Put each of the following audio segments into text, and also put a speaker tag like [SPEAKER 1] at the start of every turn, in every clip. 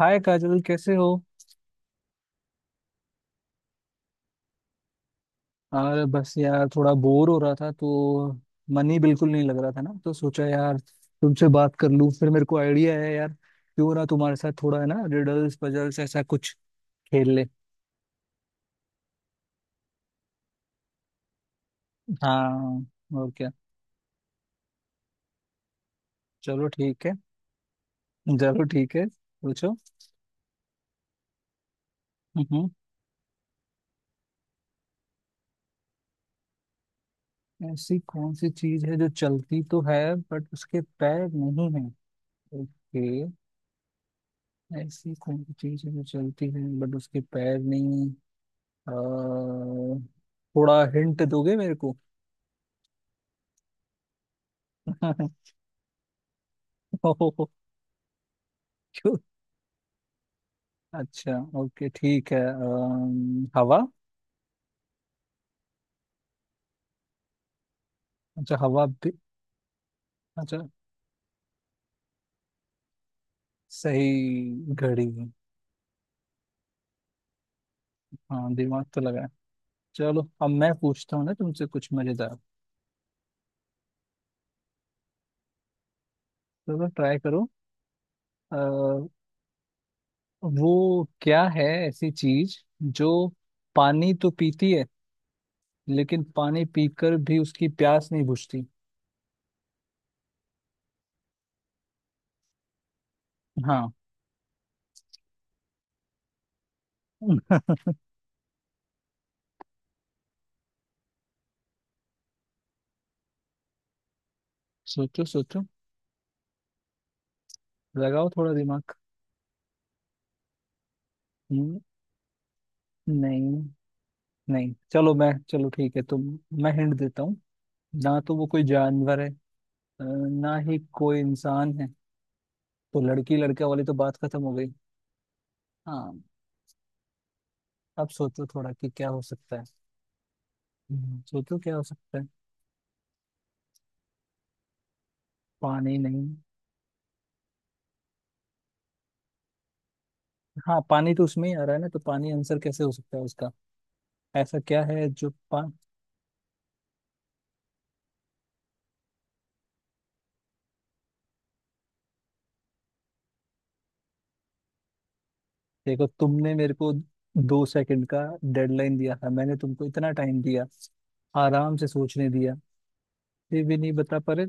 [SPEAKER 1] हाय काजल, कैसे हो? यार, बस यार थोड़ा बोर हो रहा था तो मन ही बिल्कुल नहीं लग रहा था ना, तो सोचा यार तुमसे बात कर लूं। फिर मेरे को आइडिया है यार, क्यों ना तुम्हारे साथ थोड़ा है ना रिडल्स पजल्स ऐसा कुछ खेल ले। हाँ, और क्या। चलो ठीक है। जरूर, ठीक है, पूछो। हम्म। ऐसी कौन सी चीज है जो चलती तो है बट उसके पैर नहीं है? ओके। ऐसी कौन सी चीज है जो चलती है बट उसके पैर नहीं? अ, थोड़ा हिंट दोगे मेरे को? ओहो, क्यों? अच्छा। ओके ठीक है, हवा। अच्छा हवा भी, अच्छा सही, घड़ी। हाँ दिमाग तो लगा है। चलो अब मैं पूछता हूँ ना तुमसे कुछ मजेदार। चलो ट्राई करो। आ, वो क्या है ऐसी चीज जो पानी तो पीती है लेकिन पानी पीकर भी उसकी प्यास नहीं बुझती? हाँ। सोचो सोचो, लगाओ थोड़ा दिमाग। हम्म। नहीं। नहीं चलो, मैं चलो ठीक है, तो मैं हिंट देता हूँ। ना तो वो कोई जानवर है, ना ही कोई इंसान है, तो लड़की लड़का वाली तो बात खत्म हो गई। हाँ। अब सोचो थोड़ा कि क्या हो सकता है। सोचो क्या हो सकता है। पानी नहीं। हाँ पानी तो उसमें ही आ रहा है ना, तो पानी आंसर कैसे हो सकता है उसका? ऐसा क्या है जो पा देखो, तुमने मेरे को दो सेकंड का डेडलाइन दिया था, मैंने तुमको इतना टाइम दिया, आराम से सोचने दिया, फिर भी नहीं बता पा रहे।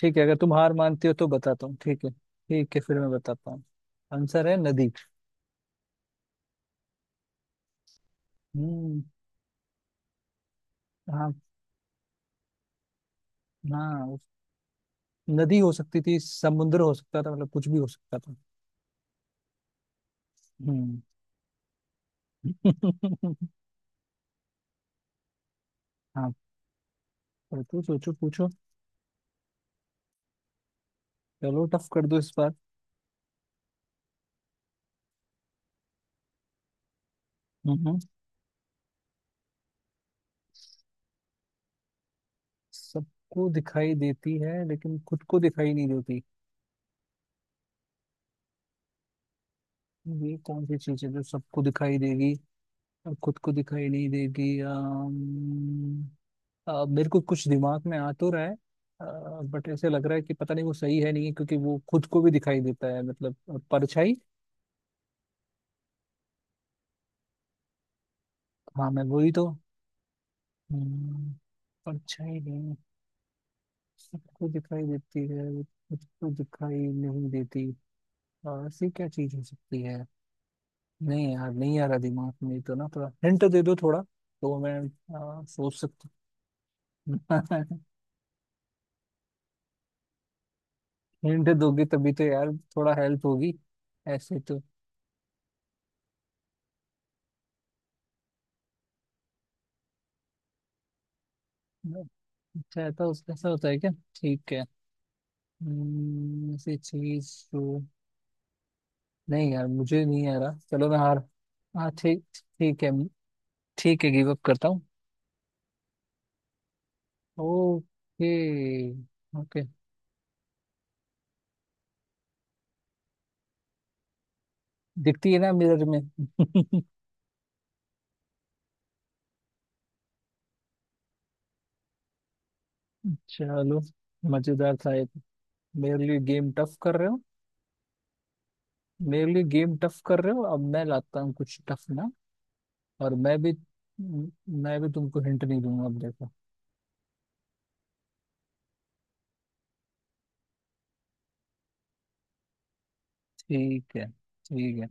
[SPEAKER 1] ठीक है, अगर तुम हार मानती हो तो बताता हूँ। ठीक है ठीक है, फिर मैं बताता हूँ। आंसर है नदी। हम्म। हाँ। हाँ नदी हो सकती थी, समुद्र हो सकता था, मतलब कुछ भी हो सकता था। हम्म। हाँ, पर तू सोचो पूछो। चलो टफ कर दो इस बार। हम्म। सबको दिखाई देती है लेकिन खुद को दिखाई नहीं देती। ये कौन सी चीज है जो सबको दिखाई देगी और खुद को दिखाई नहीं देगी? मेरे को कुछ दिमाग में आ तो रहा है, बट ऐसे लग रहा है कि पता नहीं वो सही है नहीं, क्योंकि वो खुद को भी दिखाई देता है, मतलब परछाई। हाँ मैं वही तो। हम्म, परछाई नहीं। सबको दिखाई देती है वो खुद को दिखाई नहीं देती। ऐसी क्या चीज हो सकती है? नहीं यार, नहीं आ रहा दिमाग में तो ना, थोड़ा हिंट दे दो थोड़ा, तो मैं सोच सकता हूँ। हिंट दोगे तभी तो यार थोड़ा हेल्प होगी। ऐसे तो, अच्छा ऐसा ऐसा होता है क्या? ठीक है। ऐसी चीज तो, नहीं यार, मुझे नहीं आ रहा। चलो मैं हार। हाँ, ठीक ठीक है, ठीक है, गिव अप करता हूँ। ओके ओके, दिखती है ना मिरर में। चलो मजेदार था ये तो। मेरे लिए गेम टफ कर रहे हो। मेरे लिए गेम टफ कर रहे हो, अब मैं लाता हूँ कुछ टफ ना। और मैं भी तुमको हिंट नहीं दूंगा, अब देखो। ठीक है ठीक है।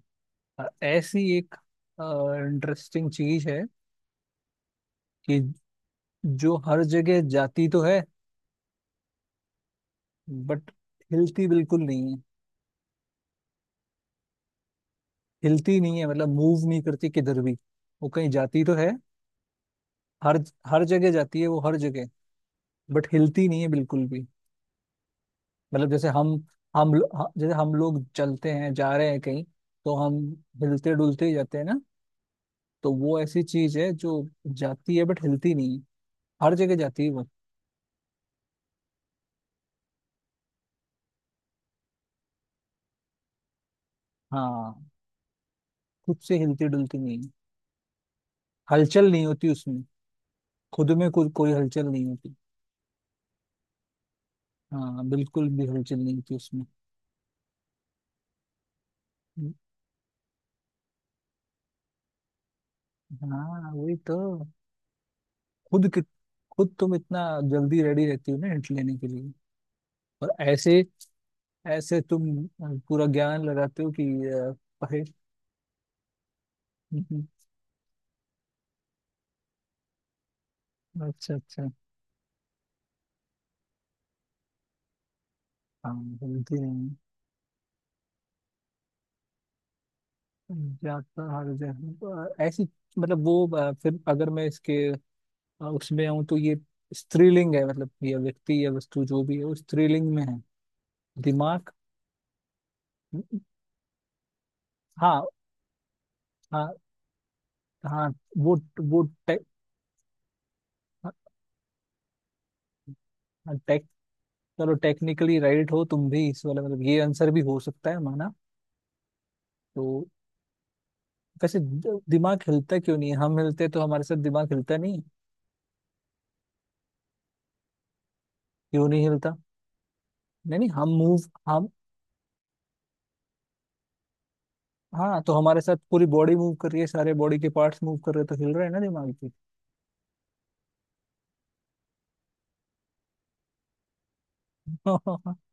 [SPEAKER 1] ऐसी एक इंटरेस्टिंग चीज है कि जो हर जगह जाती तो है बट हिलती बिल्कुल नहीं है। हिलती नहीं है, मतलब मूव नहीं करती किधर भी। वो कहीं जाती तो है, हर हर जगह जाती है वो, हर जगह, बट हिलती नहीं है बिल्कुल भी। मतलब जैसे हम लोग चलते हैं जा रहे हैं कहीं, तो हम हिलते डुलते ही जाते हैं ना। तो वो ऐसी चीज है जो जाती है बट हिलती नहीं है। हर जगह जाती है वो। हाँ, खुद से हिलती डुलती नहीं है, हलचल नहीं होती उसमें, खुद में कुछ कोई हलचल नहीं होती। हाँ बिल्कुल भी हलचल नहीं थी उसमें। हाँ वही तो। खुद कि खुद तुम इतना जल्दी रेडी रहती हो ना हिंट लेने के लिए। और ऐसे ऐसे तुम पूरा ज्ञान लगाते हो कि, अ, पहे हम्म, अच्छा अच्छा। हाँ जल्दी नहीं। जाता हर जगह, ऐसी, मतलब वो, फिर अगर मैं इसके उसमें आऊँ तो ये स्त्रीलिंग है, मतलब यह व्यक्ति या वस्तु जो भी है वो स्त्रीलिंग में है। दिमाग। हाँ हाँ हाँ, वो वो हाँ, टेक चलो टेक्निकली राइट हो तुम भी इस वाले, मतलब ये आंसर भी हो सकता है, माना। तो वैसे दिमाग हिलता क्यों नहीं है? हम हिलते तो हमारे साथ दिमाग हिलता नहीं है। क्यों नहीं हिलता? नहीं नहीं, हम मूव हम हाँ, तो हमारे साथ पूरी बॉडी मूव कर रही है, सारे बॉडी के पार्ट्स मूव कर रहे हैं, तो हिल रहे हैं ना दिमाग भी।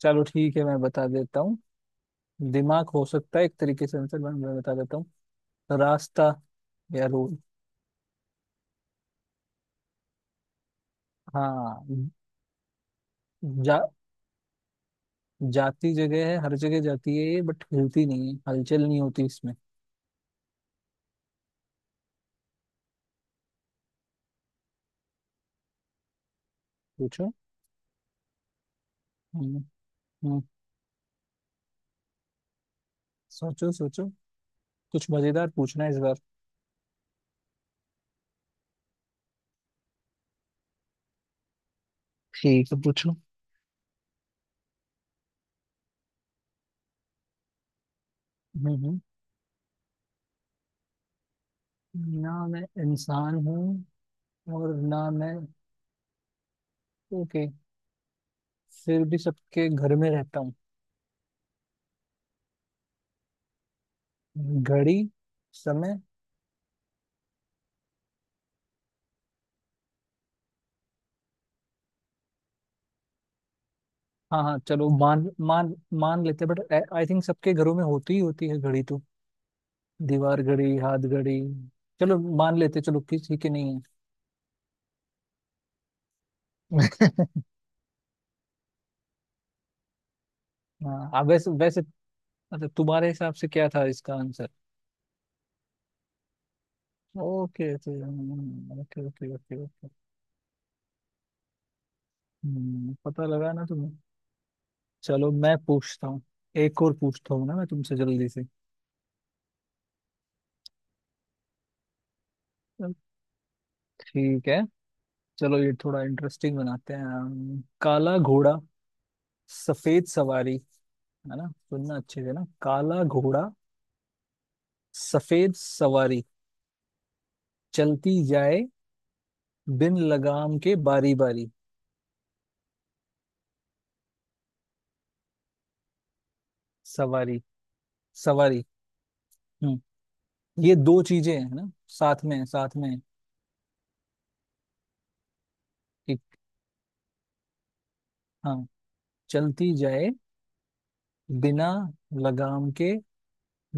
[SPEAKER 1] चलो ठीक है, मैं बता देता हूँ। दिमाग हो सकता है एक तरीके से आंसर, मैं बता देता हूँ, रास्ता या रोड। हाँ। जा, जाती जगह है, हर जगह जाती है ये, बट हिलती नहीं है, हलचल नहीं होती इसमें। पूछो। हम्म। हम्म, सोचो सोचो। कुछ मजेदार पूछना है इस बार। ठीक है पूछो। हम्म। हम्म। ना मैं इंसान हूँ और ना मैं, ओके। फिर भी सबके घर में रहता हूँ। घड़ी, समय। हाँ हाँ, चलो मान मान मान लेते हैं, बट आई थिंक सबके घरों में होती ही होती है घड़ी तो। दीवार घड़ी, हाथ घड़ी। चलो मान लेते हैं, चलो किसी के नहीं है। हाँ आप, वैसे वैसे। मतलब तुम्हारे हिसाब से क्या था इसका आंसर? ओके तो, ओके ओके ओके ओके। पता लगा ना तुम्हें। चलो मैं पूछता हूँ, एक और पूछता हूँ ना मैं तुमसे जल्दी से। चल, ठीक है। चलो ये थोड़ा इंटरेस्टिंग बनाते हैं, काला घोड़ा, सफेद सवारी, है ना? सुनना अच्छे से ना, काला घोड़ा, सफेद सवारी, चलती जाए बिन लगाम के बारी बारी। सवारी। सवारी। हम्म। ये दो चीजें हैं ना, साथ में हैं, साथ में हैं। एक। हाँ, चलती जाए बिना लगाम के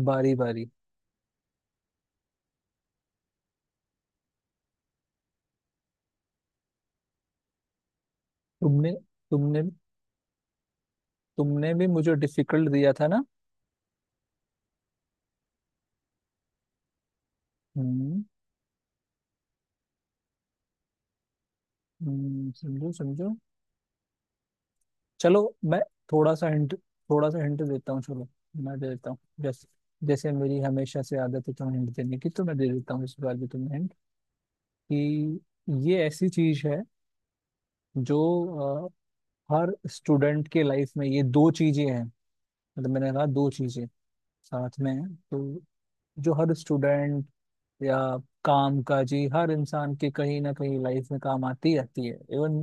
[SPEAKER 1] बारी बारी। तुमने तुमने तुमने भी मुझे डिफिकल्ट दिया था ना। हम्म। समझो समझो। चलो मैं थोड़ा सा हिंट थोड़ा सा हिंट देता हूँ चलो। मैं दे देता हूँ, जैसे जैसे मेरी हमेशा से आदत है तुम्हें हिंट देने की, तो मैं दे देता हूँ इस बार भी तुम्हें हिंट कि ये ऐसी चीज है जो, अ, हर स्टूडेंट के लाइफ में ये दो चीजें हैं, मतलब मैंने कहा दो चीजें साथ में हैं, तो जो हर स्टूडेंट या काम काजी हर इंसान के कहीं ना कहीं लाइफ में काम आती ही आती है। इवन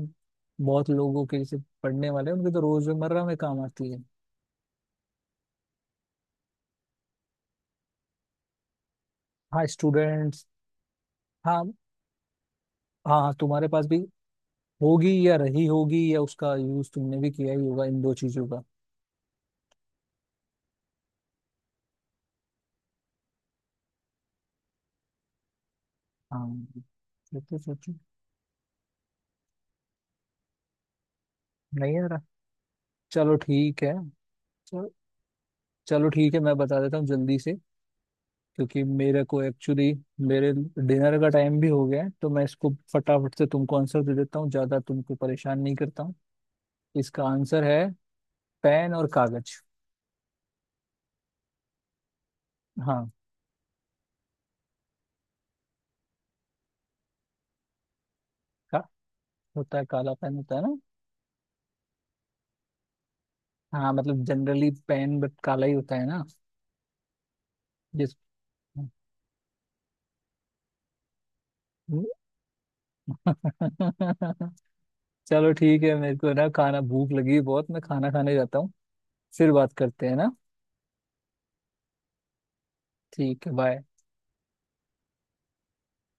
[SPEAKER 1] बहुत लोगों के, जैसे पढ़ने वाले हैं, उनके तो रोजमर्रा में काम आती है। हाँ स्टूडेंट्स। हाँ हाँ हाँ, तुम्हारे पास भी होगी या रही होगी या उसका यूज तुमने भी किया ही होगा इन दो चीजों का। हाँ ये तो सोचो। नहीं आ रहा, चलो ठीक है। चलो, चलो ठीक है, मैं बता देता हूँ जल्दी से, क्योंकि मेरे को एक्चुअली मेरे डिनर का टाइम भी हो गया है, तो मैं इसको फटाफट से तुमको आंसर दे देता हूँ, ज्यादा तुमको परेशान नहीं करता हूँ। इसका आंसर है पेन और कागज। हाँ। का होता है, काला पेन होता है ना। हाँ मतलब जनरली पेन बट काला ही होता है ना। जिस चलो ठीक है, मेरे को ना खाना भूख लगी है बहुत, मैं खाना खाने जाता हूँ, फिर बात करते हैं ना। ठीक है, बाय।